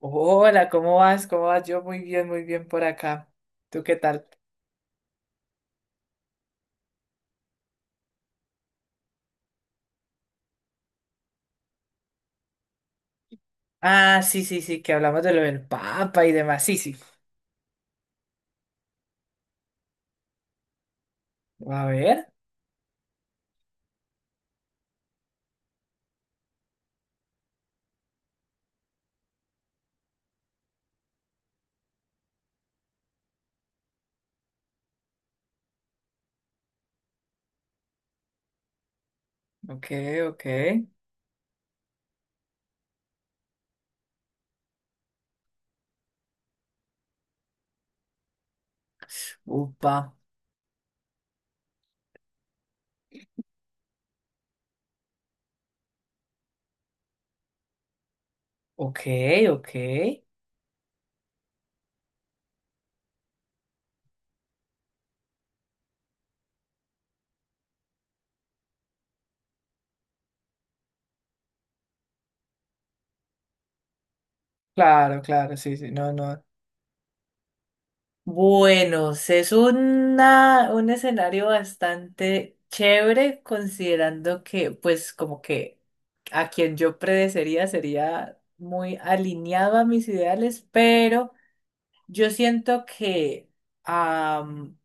Hola, ¿cómo vas? ¿Cómo vas? Yo muy bien por acá. ¿Tú qué tal? Ah, sí, sí, sí, que hablamos de lo del Papa y demás. Sí, sí. A ver. Ok, ok. Upa. Ok, ok. Claro, claro, sí, sí. No, no. Bueno, es un escenario bastante chévere, considerando que, pues, como que a quien yo predecería sería muy alineado a mis ideales, pero. Yo siento que am,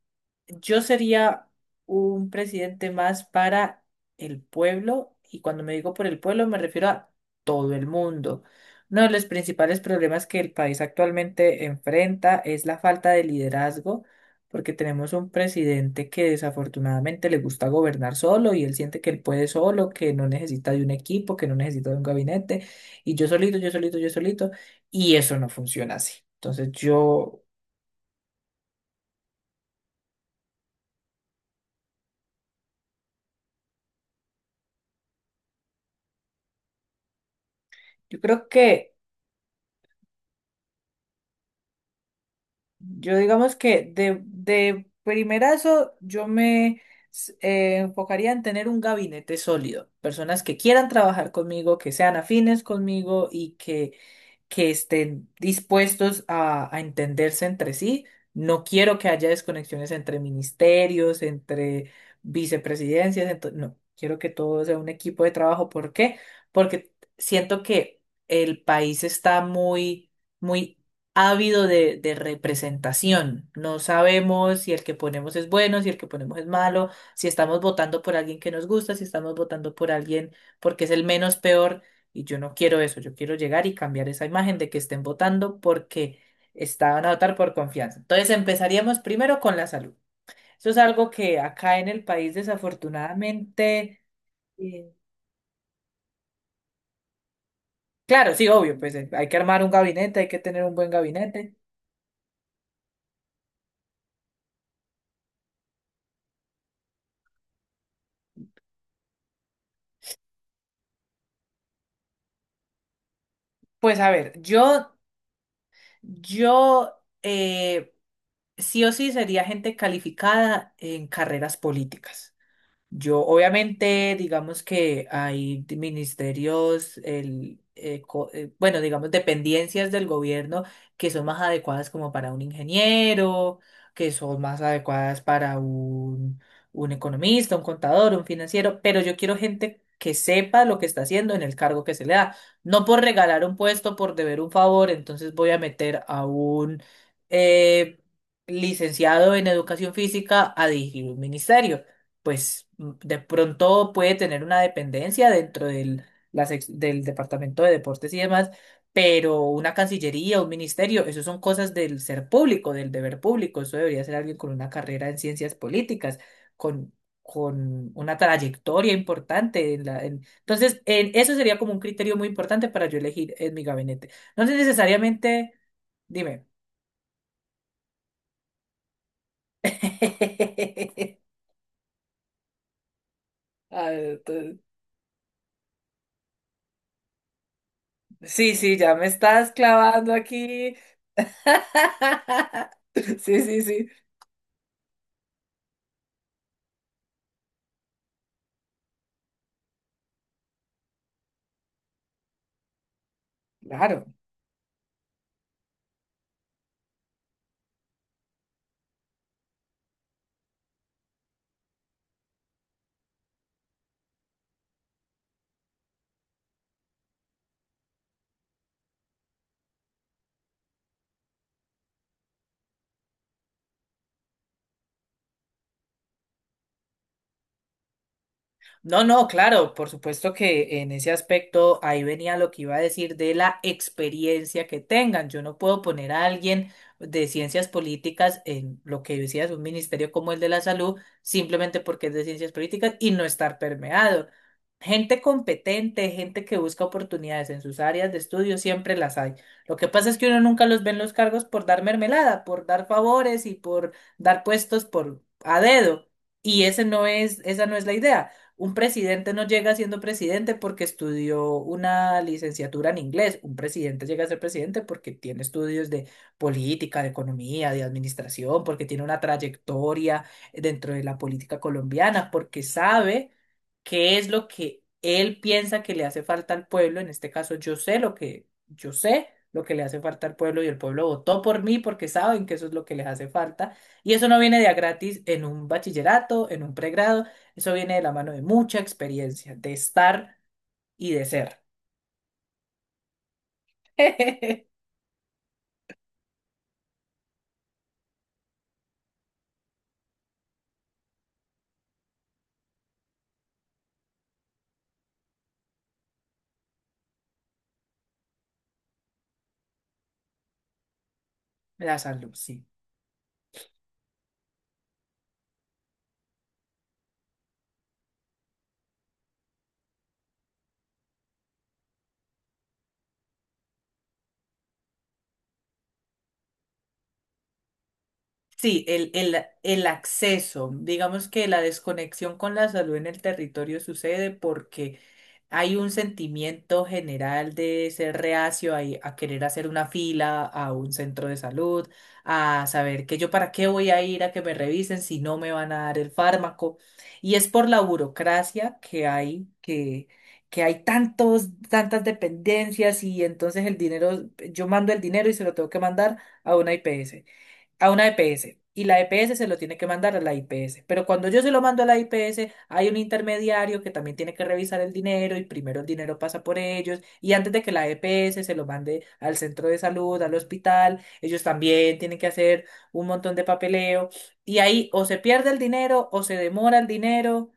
yo sería un presidente más para el pueblo, y cuando me digo por el pueblo me refiero a todo el mundo. Uno de los principales problemas que el país actualmente enfrenta es la falta de liderazgo, porque tenemos un presidente que desafortunadamente le gusta gobernar solo y él siente que él puede solo, que no necesita de un equipo, que no necesita de un gabinete, y yo solito, yo solito, yo solito, y eso no funciona así. Entonces yo Yo creo que, yo digamos que de primerazo yo me enfocaría en tener un gabinete sólido, personas que quieran trabajar conmigo, que sean afines conmigo y que estén dispuestos a entenderse entre sí. No quiero que haya desconexiones entre ministerios, entre vicepresidencias. No, quiero que todo sea un equipo de trabajo. ¿Por qué? Porque siento que el país está muy, muy ávido de representación. No sabemos si el que ponemos es bueno, si el que ponemos es malo, si estamos votando por alguien que nos gusta, si estamos votando por alguien porque es el menos peor. Y yo no quiero eso, yo quiero llegar y cambiar esa imagen de que estén votando porque estaban a votar por confianza. Entonces empezaríamos primero con la salud. Eso es algo que acá en el país desafortunadamente, eh, claro, sí, obvio, pues hay que armar un gabinete, hay que tener un buen gabinete. Pues a ver, yo eh, sí o sí sería gente calificada en carreras políticas. Yo, obviamente, digamos que hay ministerios, bueno, digamos, dependencias del gobierno que son más adecuadas como para un ingeniero, que son más adecuadas para un economista, un contador, un financiero, pero yo quiero gente que sepa lo que está haciendo en el cargo que se le da. No por regalar un puesto, por deber un favor, entonces voy a meter a un eh, licenciado en educación física a dirigir un ministerio, pues de pronto puede tener una dependencia dentro del Departamento de Deportes y demás, pero una Cancillería, un ministerio, eso son cosas del ser público, del deber público, eso debería ser alguien con una carrera en ciencias políticas, con, con una trayectoria importante. Entonces, eso sería como un criterio muy importante para yo elegir en mi gabinete. No sé necesariamente, dime. Ah, sí, sí, ya me estás clavando aquí. Sí, sí, sí. Claro. No, no, claro, por supuesto que en ese aspecto ahí venía lo que iba a decir de la experiencia que tengan. Yo no puedo poner a alguien de ciencias políticas en lo que decías, un ministerio como el de la salud, simplemente porque es de ciencias políticas y no estar permeado. Gente competente, gente que busca oportunidades en sus áreas de estudio, siempre las hay. Lo que pasa es que uno nunca los ve en los cargos por dar mermelada, por dar favores y por dar puestos por a dedo. Y ese no es, esa no es la idea. Un presidente no llega siendo presidente porque estudió una licenciatura en inglés. Un presidente llega a ser presidente porque tiene estudios de política, de economía, de administración, porque tiene una trayectoria dentro de la política colombiana, porque sabe qué es lo que él piensa que le hace falta al pueblo. En este caso, yo sé lo que le hace falta al pueblo y el pueblo votó por mí porque saben que eso es lo que les hace falta. Y eso no viene de a gratis en un bachillerato, en un pregrado. Eso viene de la mano de mucha experiencia, de estar y de ser. La salud, sí. Sí, el acceso, digamos que la desconexión con la salud en el territorio sucede porque hay un sentimiento general de ser reacio a querer hacer una fila a un centro de salud, a saber que yo para qué voy a ir a que me revisen si no me van a dar el fármaco. Y es por la burocracia que hay, que hay tantos, tantas dependencias y entonces el dinero, yo mando el dinero y se lo tengo que mandar a una IPS a una EPS y la EPS se lo tiene que mandar a la IPS. Pero cuando yo se lo mando a la IPS, hay un intermediario que también tiene que revisar el dinero y primero el dinero pasa por ellos y antes de que la EPS se lo mande al centro de salud, al hospital, ellos también tienen que hacer un montón de papeleo y ahí o se pierde el dinero o se demora el dinero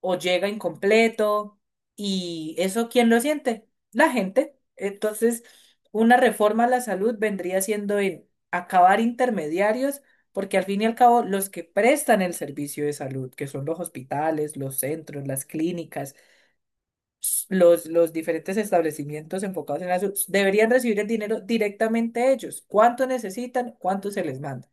o llega incompleto, y eso, ¿quién lo siente? La gente. Entonces, una reforma a la salud vendría siendo en acabar intermediarios, porque al fin y al cabo los que prestan el servicio de salud, que son los hospitales, los centros, las clínicas, los diferentes establecimientos enfocados en la salud, deberían recibir el dinero directamente ellos. ¿Cuánto necesitan? ¿Cuánto se les manda?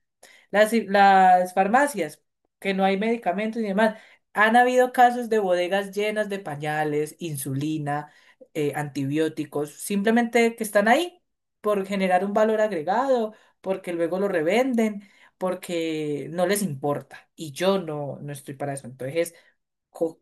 Las farmacias, que no hay medicamentos y demás. Han habido casos de bodegas llenas de pañales, insulina, antibióticos, simplemente que están ahí por generar un valor agregado, porque luego lo revenden, porque no les importa. Y yo no, no estoy para eso. Entonces, co-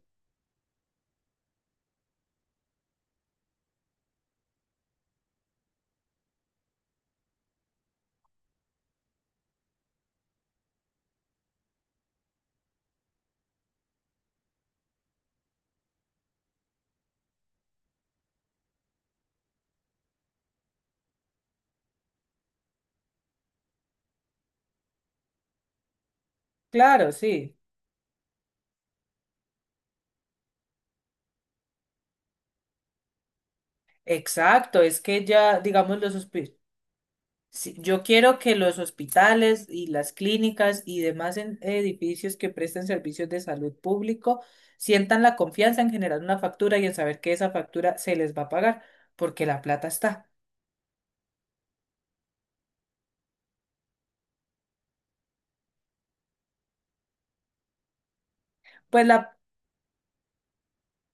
claro, sí. Exacto, es que ya, digamos, los Sí, yo quiero que los hospitales y las clínicas y demás edificios que presten servicios de salud público sientan la confianza en generar una factura y en saber que esa factura se les va a pagar, porque la plata está. Pues la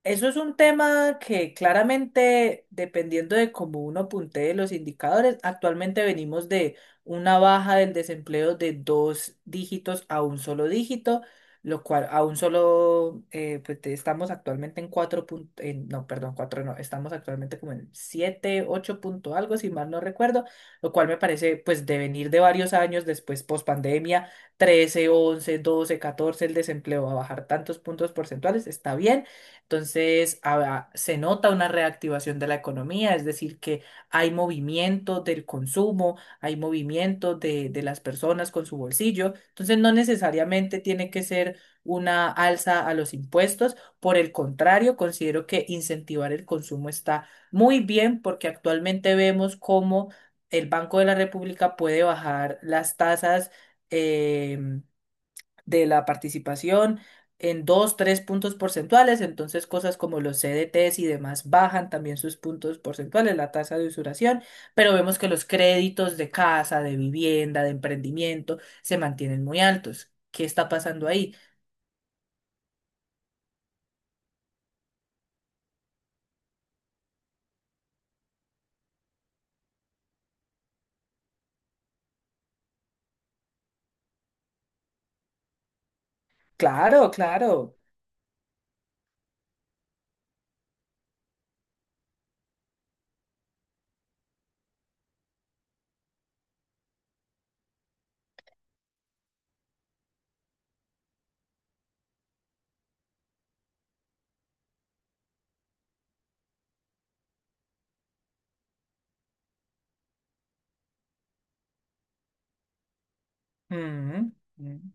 Eso es un tema que claramente, dependiendo de cómo uno puntee los indicadores, actualmente venimos de una baja del desempleo de dos dígitos a un solo dígito, lo cual a un solo, pues estamos actualmente en cuatro punto, no, perdón, cuatro no, estamos actualmente como en siete, ocho punto algo, si mal no recuerdo, lo cual me parece, pues, de venir de varios años después, post pandemia, 13, 11, 12, 14, el desempleo a bajar tantos puntos porcentuales, está bien entonces, ah, se nota una reactivación de la economía, es decir, que hay movimiento del consumo, hay movimiento de las personas con su bolsillo. Entonces, no necesariamente tiene que ser una alza a los impuestos. Por el contrario, considero que incentivar el consumo está muy bien porque actualmente vemos cómo el Banco de la República puede bajar las tasas. em, de la participación en dos, tres puntos porcentuales, entonces cosas como los CDTs y demás bajan también sus puntos porcentuales, la tasa de usuración, pero vemos que los créditos de casa, de vivienda, de emprendimiento se mantienen muy altos. ¿Qué está pasando ahí? Claro, claro. Mm, mm,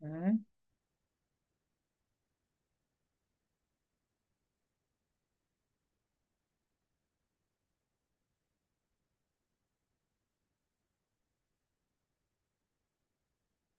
mm.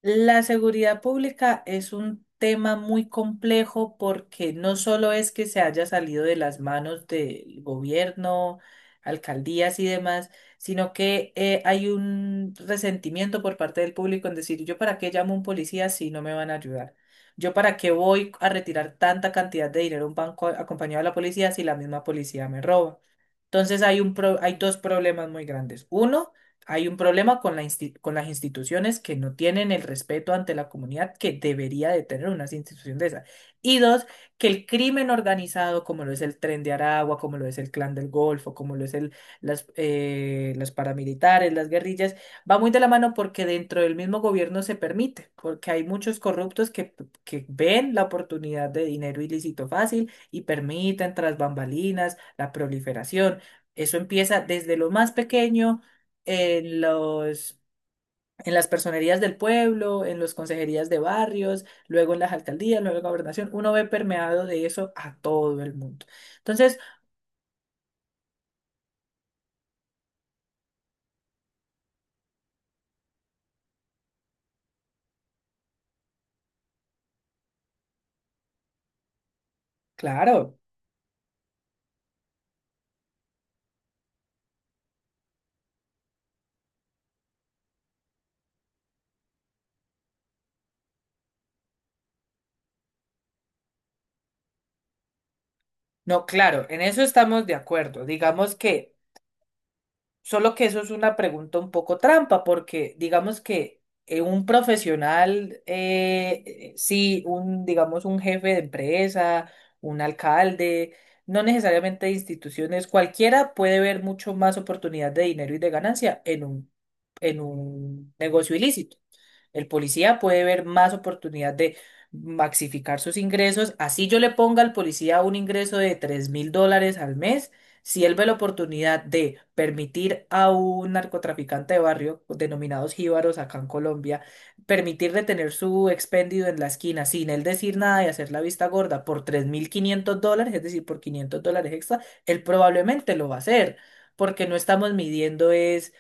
La seguridad pública es un tema muy complejo porque no solo es que se haya salido de las manos del gobierno, alcaldías y demás, sino que hay un resentimiento por parte del público en decir, ¿yo para qué llamo a un policía si no me van a ayudar? ¿Yo para qué voy a retirar tanta cantidad de dinero a un banco acompañado de la policía si la misma policía me roba? Entonces, hay dos problemas muy grandes. Uno, hay un problema con con las instituciones que no tienen el respeto ante la comunidad que debería de tener una institución de esa. Y dos, que el crimen organizado, como lo es el Tren de Aragua, como lo es el Clan del Golfo, como lo es el, las paramilitares, las guerrillas, va muy de la mano porque dentro del mismo gobierno se permite, porque hay muchos corruptos que ven la oportunidad de dinero ilícito fácil y permiten tras bambalinas la proliferación. Eso empieza desde lo más pequeño, en los, en las personerías del pueblo, en las consejerías de barrios, luego en las alcaldías, luego en la gobernación. Uno ve permeado de eso a todo el mundo. Entonces, claro, no, claro, en eso estamos de acuerdo. Digamos que Solo que eso es una pregunta un poco trampa, porque digamos que un profesional, sí, un, digamos, un jefe de empresa, un alcalde, no necesariamente de instituciones, cualquiera puede ver mucho más oportunidad de dinero y de ganancia en un negocio ilícito. El policía puede ver más oportunidad de maxificar sus ingresos. Así yo le ponga al policía un ingreso de $3.000 al mes. Si él ve la oportunidad de permitir a un narcotraficante de barrio, denominados jíbaros acá en Colombia, permitirle tener su expendido en la esquina sin él decir nada y hacer la vista gorda por $3.500, es decir, por $500 extra, él probablemente lo va a hacer, porque no estamos midiendo es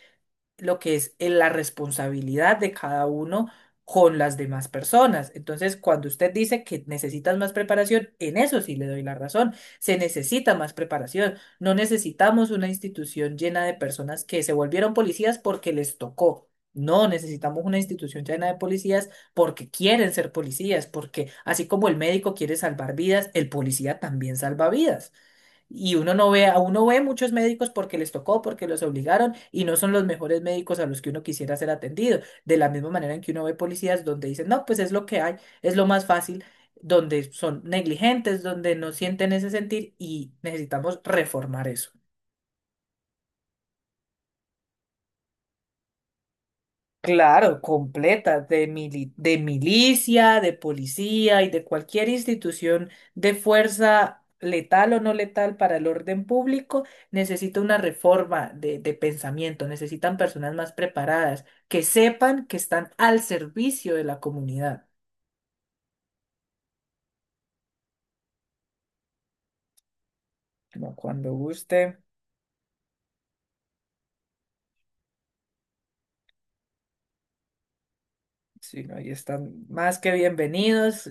lo que es la responsabilidad de cada uno con las demás personas. Entonces, cuando usted dice que necesitas más preparación, en eso sí le doy la razón. Se necesita más preparación. No necesitamos una institución llena de personas que se volvieron policías porque les tocó. No, necesitamos una institución llena de policías porque quieren ser policías, porque así como el médico quiere salvar vidas, el policía también salva vidas. Y uno no ve, a uno ve muchos médicos porque les tocó, porque los obligaron y no son los mejores médicos a los que uno quisiera ser atendido. De la misma manera en que uno ve policías donde dicen, no, pues es lo que hay, es lo más fácil, donde son negligentes, donde no sienten ese sentir y necesitamos reformar eso. Claro, completa, de milicia, de policía y de cualquier institución de fuerza letal o no letal para el orden público, necesita una reforma de pensamiento, necesitan personas más preparadas, que sepan que están al servicio de la comunidad. No, cuando guste, si no, y están más que bienvenidos.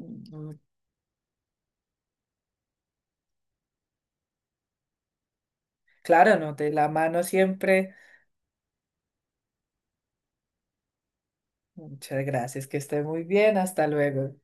Mm. Claro, no, de la mano siempre. Muchas gracias, que esté muy bien, hasta luego.